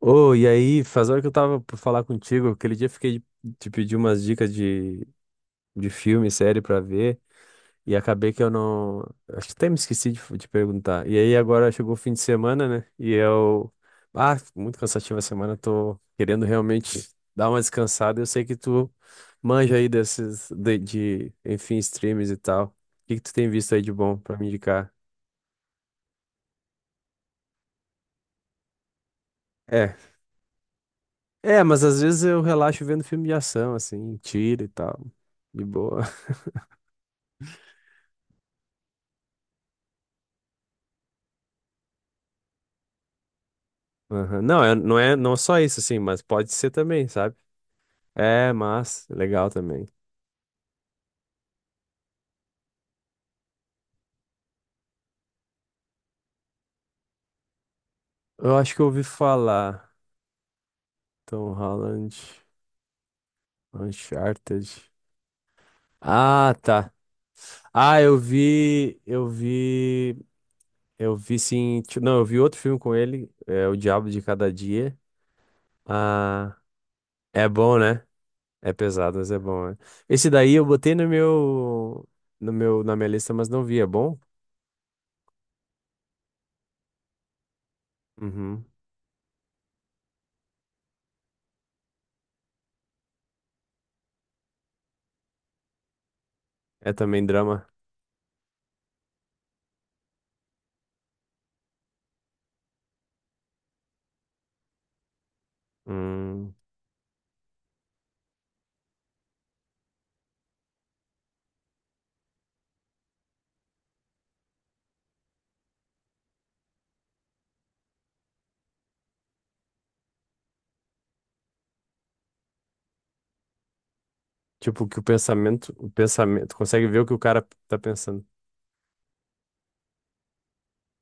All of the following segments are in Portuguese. Ô, e aí, faz hora que eu tava pra falar contigo, aquele dia eu fiquei de te pedir umas dicas de filme, série pra ver, e acabei que eu não. Acho que até me esqueci de te perguntar. E aí agora chegou o fim de semana, né? E eu. Ah, muito cansativa a semana, tô querendo realmente dar uma descansada. Eu sei que tu manja aí desses, enfim, streams e tal. O que que tu tem visto aí de bom pra me indicar? É. É, mas às vezes eu relaxo vendo filme de ação, assim, tiro e tal. De boa. Aham. Não, é, não é só isso, assim, mas pode ser também, sabe? É, mas legal também. Eu acho que eu ouvi falar. Tom Holland, Uncharted. Ah, tá. Ah, eu vi sim. Não, eu vi outro filme com ele, é O Diabo de Cada Dia. Ah, é bom, né? É pesado, mas é bom, né? Esse daí eu botei no meu, no meu, na minha lista, mas não vi. É bom? Uhum. É também drama. Hum. Tipo, que o pensamento, consegue ver o que o cara tá pensando.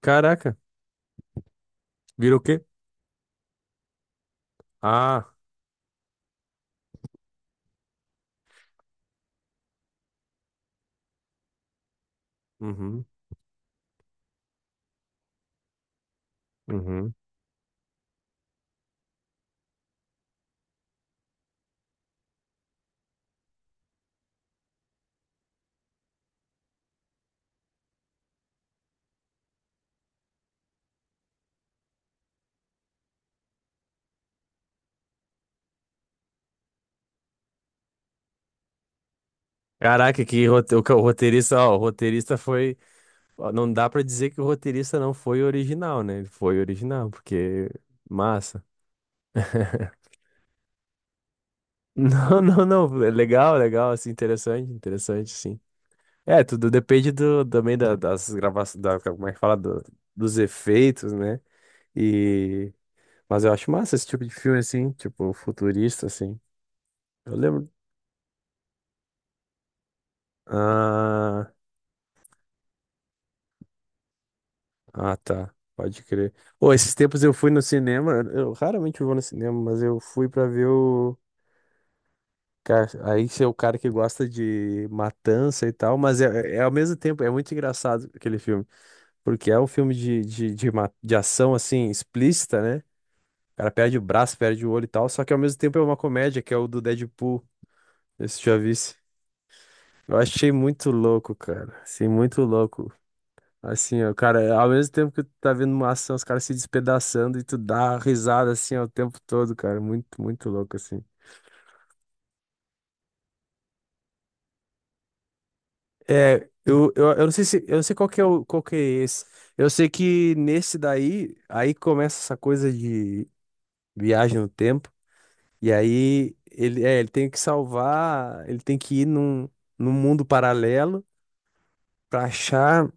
Caraca, vira o quê? Ah, uhum, uhum. Caraca, que o roteirista, ó, o roteirista foi, ó, não dá pra dizer que o roteirista não foi original, né? Ele foi original, porque massa. Não, é legal, legal, assim, interessante, interessante, sim. É, tudo depende do, das gravações, da, como é que fala, dos efeitos, né? Mas eu acho massa esse tipo de filme, assim, tipo, futurista, assim. Eu lembro. Ah, ah, tá. Pode crer. Ô, esses tempos eu fui no cinema. Eu raramente vou no cinema, mas eu fui pra ver o. Cara, aí você é o cara que gosta de matança e tal, mas é, é ao mesmo tempo, é muito engraçado aquele filme. Porque é um filme de ação, assim, explícita, né? O cara perde o braço, perde o olho e tal, só que ao mesmo tempo é uma comédia, que é o do Deadpool. Esse já visse. Eu achei muito louco, cara. Assim, muito louco. Assim, ó, cara, ao mesmo tempo que tu tá vendo uma ação, os caras se despedaçando e tu dá risada assim, ó, o tempo todo, cara. Muito, muito louco, assim. É, eu não sei se, eu não sei qual que é o, qual que é esse. Eu sei que nesse daí, aí começa essa coisa de viagem no tempo, e aí ele, é, ele tem que salvar, ele tem que ir num, num mundo paralelo, pra achar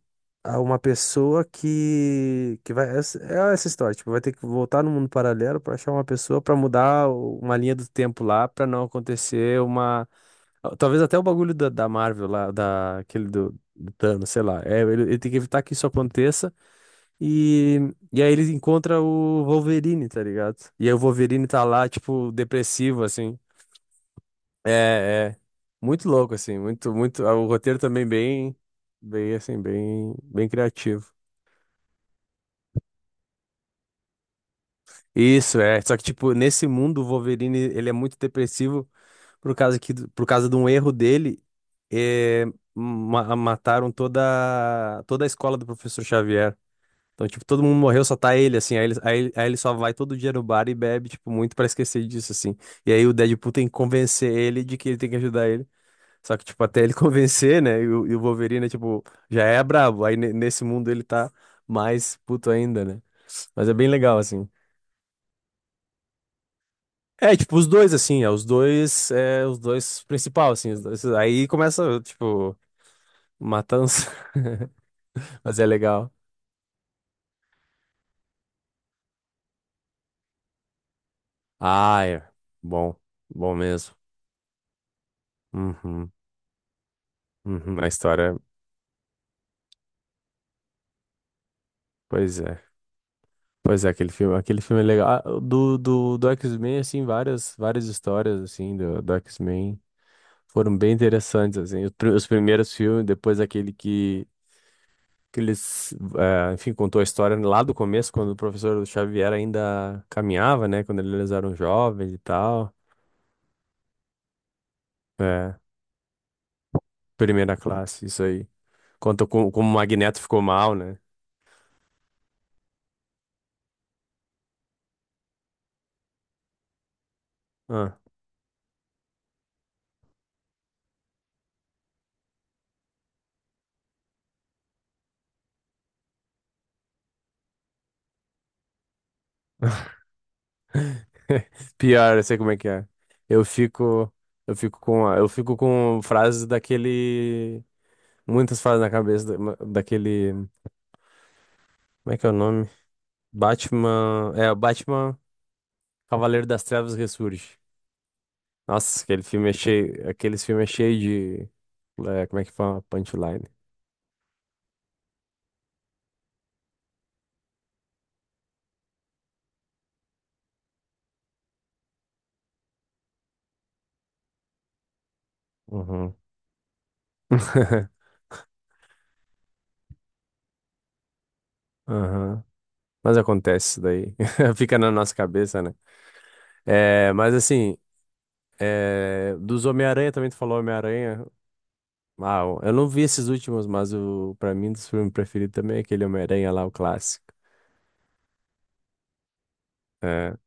uma pessoa que é essa história, tipo, vai ter que voltar no mundo paralelo pra achar uma pessoa pra mudar uma linha do tempo lá pra não acontecer uma, talvez até o bagulho da Marvel lá, da aquele do Thanos, sei lá. É, ele tem que evitar que isso aconteça e aí ele encontra o Wolverine, tá ligado? E aí o Wolverine tá lá tipo depressivo assim. É, é. Muito louco, assim, muito, muito. Ah, o roteiro também bem, bem, assim, bem, bem criativo. Isso, é. Só que, tipo, nesse mundo, o Wolverine, ele é muito depressivo por causa que, por causa de um erro dele, é, mataram toda, toda a escola do professor Xavier. Então, tipo, todo mundo morreu, só tá ele, assim. Aí ele só vai todo dia no bar e bebe, tipo, muito pra esquecer disso, assim. E aí o Deadpool tem que convencer ele de que ele tem que ajudar ele. Só que, tipo, até ele convencer, né? E o Wolverine, tipo, já é brabo. Nesse mundo ele tá mais puto ainda, né? Mas é bem legal, assim. É, tipo, os dois, assim, é, os dois principal, assim, os dois- aí começa, tipo, matança. Mas é legal. Ah, é. Bom. Bom mesmo. Uhum. Uhum. A história, pois é. Pois é, aquele filme é legal. Ah, do X-Men, assim, várias, várias histórias, assim, do X-Men. Foram bem interessantes, assim. Os primeiros filmes, depois aquele que eles, enfim, contou a história lá do começo, quando o professor Xavier ainda caminhava, né? Quando eles eram jovens e tal. É, primeira classe, isso aí. Conta como, como o Magneto ficou mal, né? Ah. Pior, eu sei como é que é. Eu fico, eu fico com, eu fico com frases daquele, muitas frases na cabeça daquele, como é que é o nome? Batman, é, o Batman. Cavaleiro das Trevas Ressurge. Nossa, aqueles filmes é cheio de, é, como é que fala? Punchline. Uhum. Aham. Mas acontece isso daí. Fica na nossa cabeça, né? É, mas assim, é, dos Homem-Aranha também tu falou Homem-Aranha. Ah, eu não vi esses últimos, mas o para mim um dos filmes preferidos também é aquele Homem-Aranha lá, o clássico. É.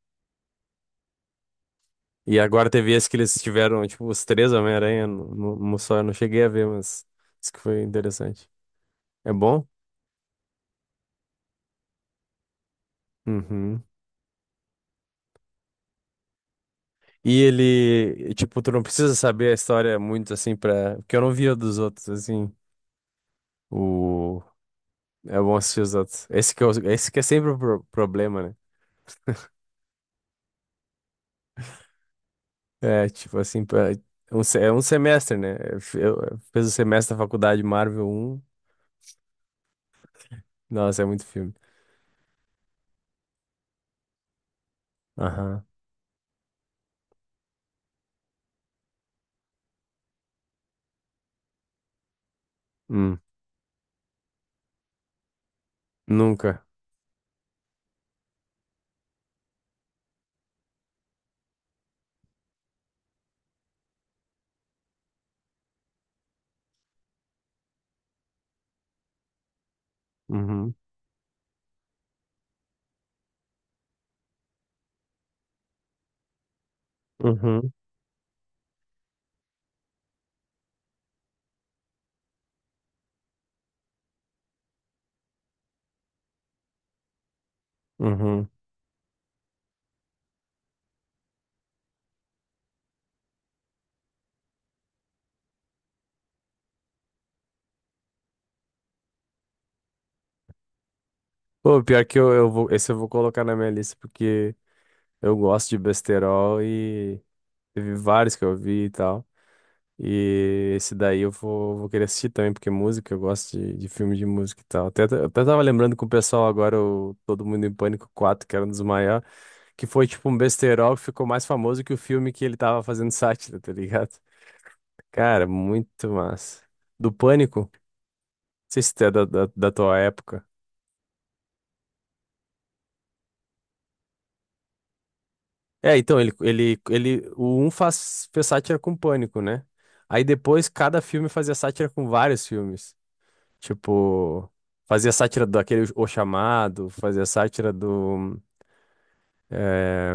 E agora teve esse que eles tiveram, tipo, os três Homem-Aranha no só, eu não cheguei a ver, mas isso que foi interessante. É bom? Uhum. E ele, tipo, tu não precisa saber a história muito assim pra. Porque eu não via dos outros, assim. O... É bom assistir os outros. Esse que, esse que é sempre o problema, né? É, tipo assim, pra... é um semestre, né? Eu fiz o semestre da faculdade Marvel 1. Nossa, é muito filme. Aham. Hum. Nunca. Uhum. Uhum. Uhum. Pô, pior que eu vou. Esse eu vou colocar na minha lista porque eu gosto de besterol e teve vários que eu vi e tal. E esse daí vou querer assistir também, porque música, eu gosto de filme de música e tal. Até, eu até tava lembrando com o pessoal agora, o Todo Mundo em Pânico quatro, que era um dos maiores, que foi tipo um besterol que ficou mais famoso que o filme que ele tava fazendo sátira, tá ligado? Cara, muito massa. Do Pânico? Sei se tu é da tua época. É, então, o um faz, fez sátira com Pânico, né? Aí depois cada filme fazia sátira com vários filmes. Tipo, fazia sátira daquele O Chamado, fazia sátira do. É...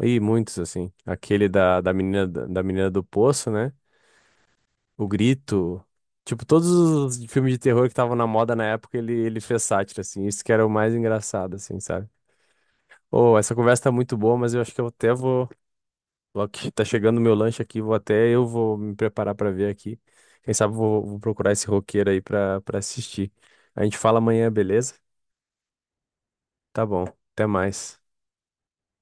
E muitos, assim. Aquele da menina do poço, né? O Grito. Tipo, todos os filmes de terror que estavam na moda na época, ele fez sátira, assim. Isso que era o mais engraçado, assim, sabe? Oh, essa conversa tá muito boa, mas eu acho que eu até vou. Logo que tá chegando o meu lanche aqui, vou até eu vou me preparar pra ver aqui. Quem sabe vou procurar esse roqueiro aí pra para assistir. A gente fala amanhã, beleza? Tá bom. Até mais.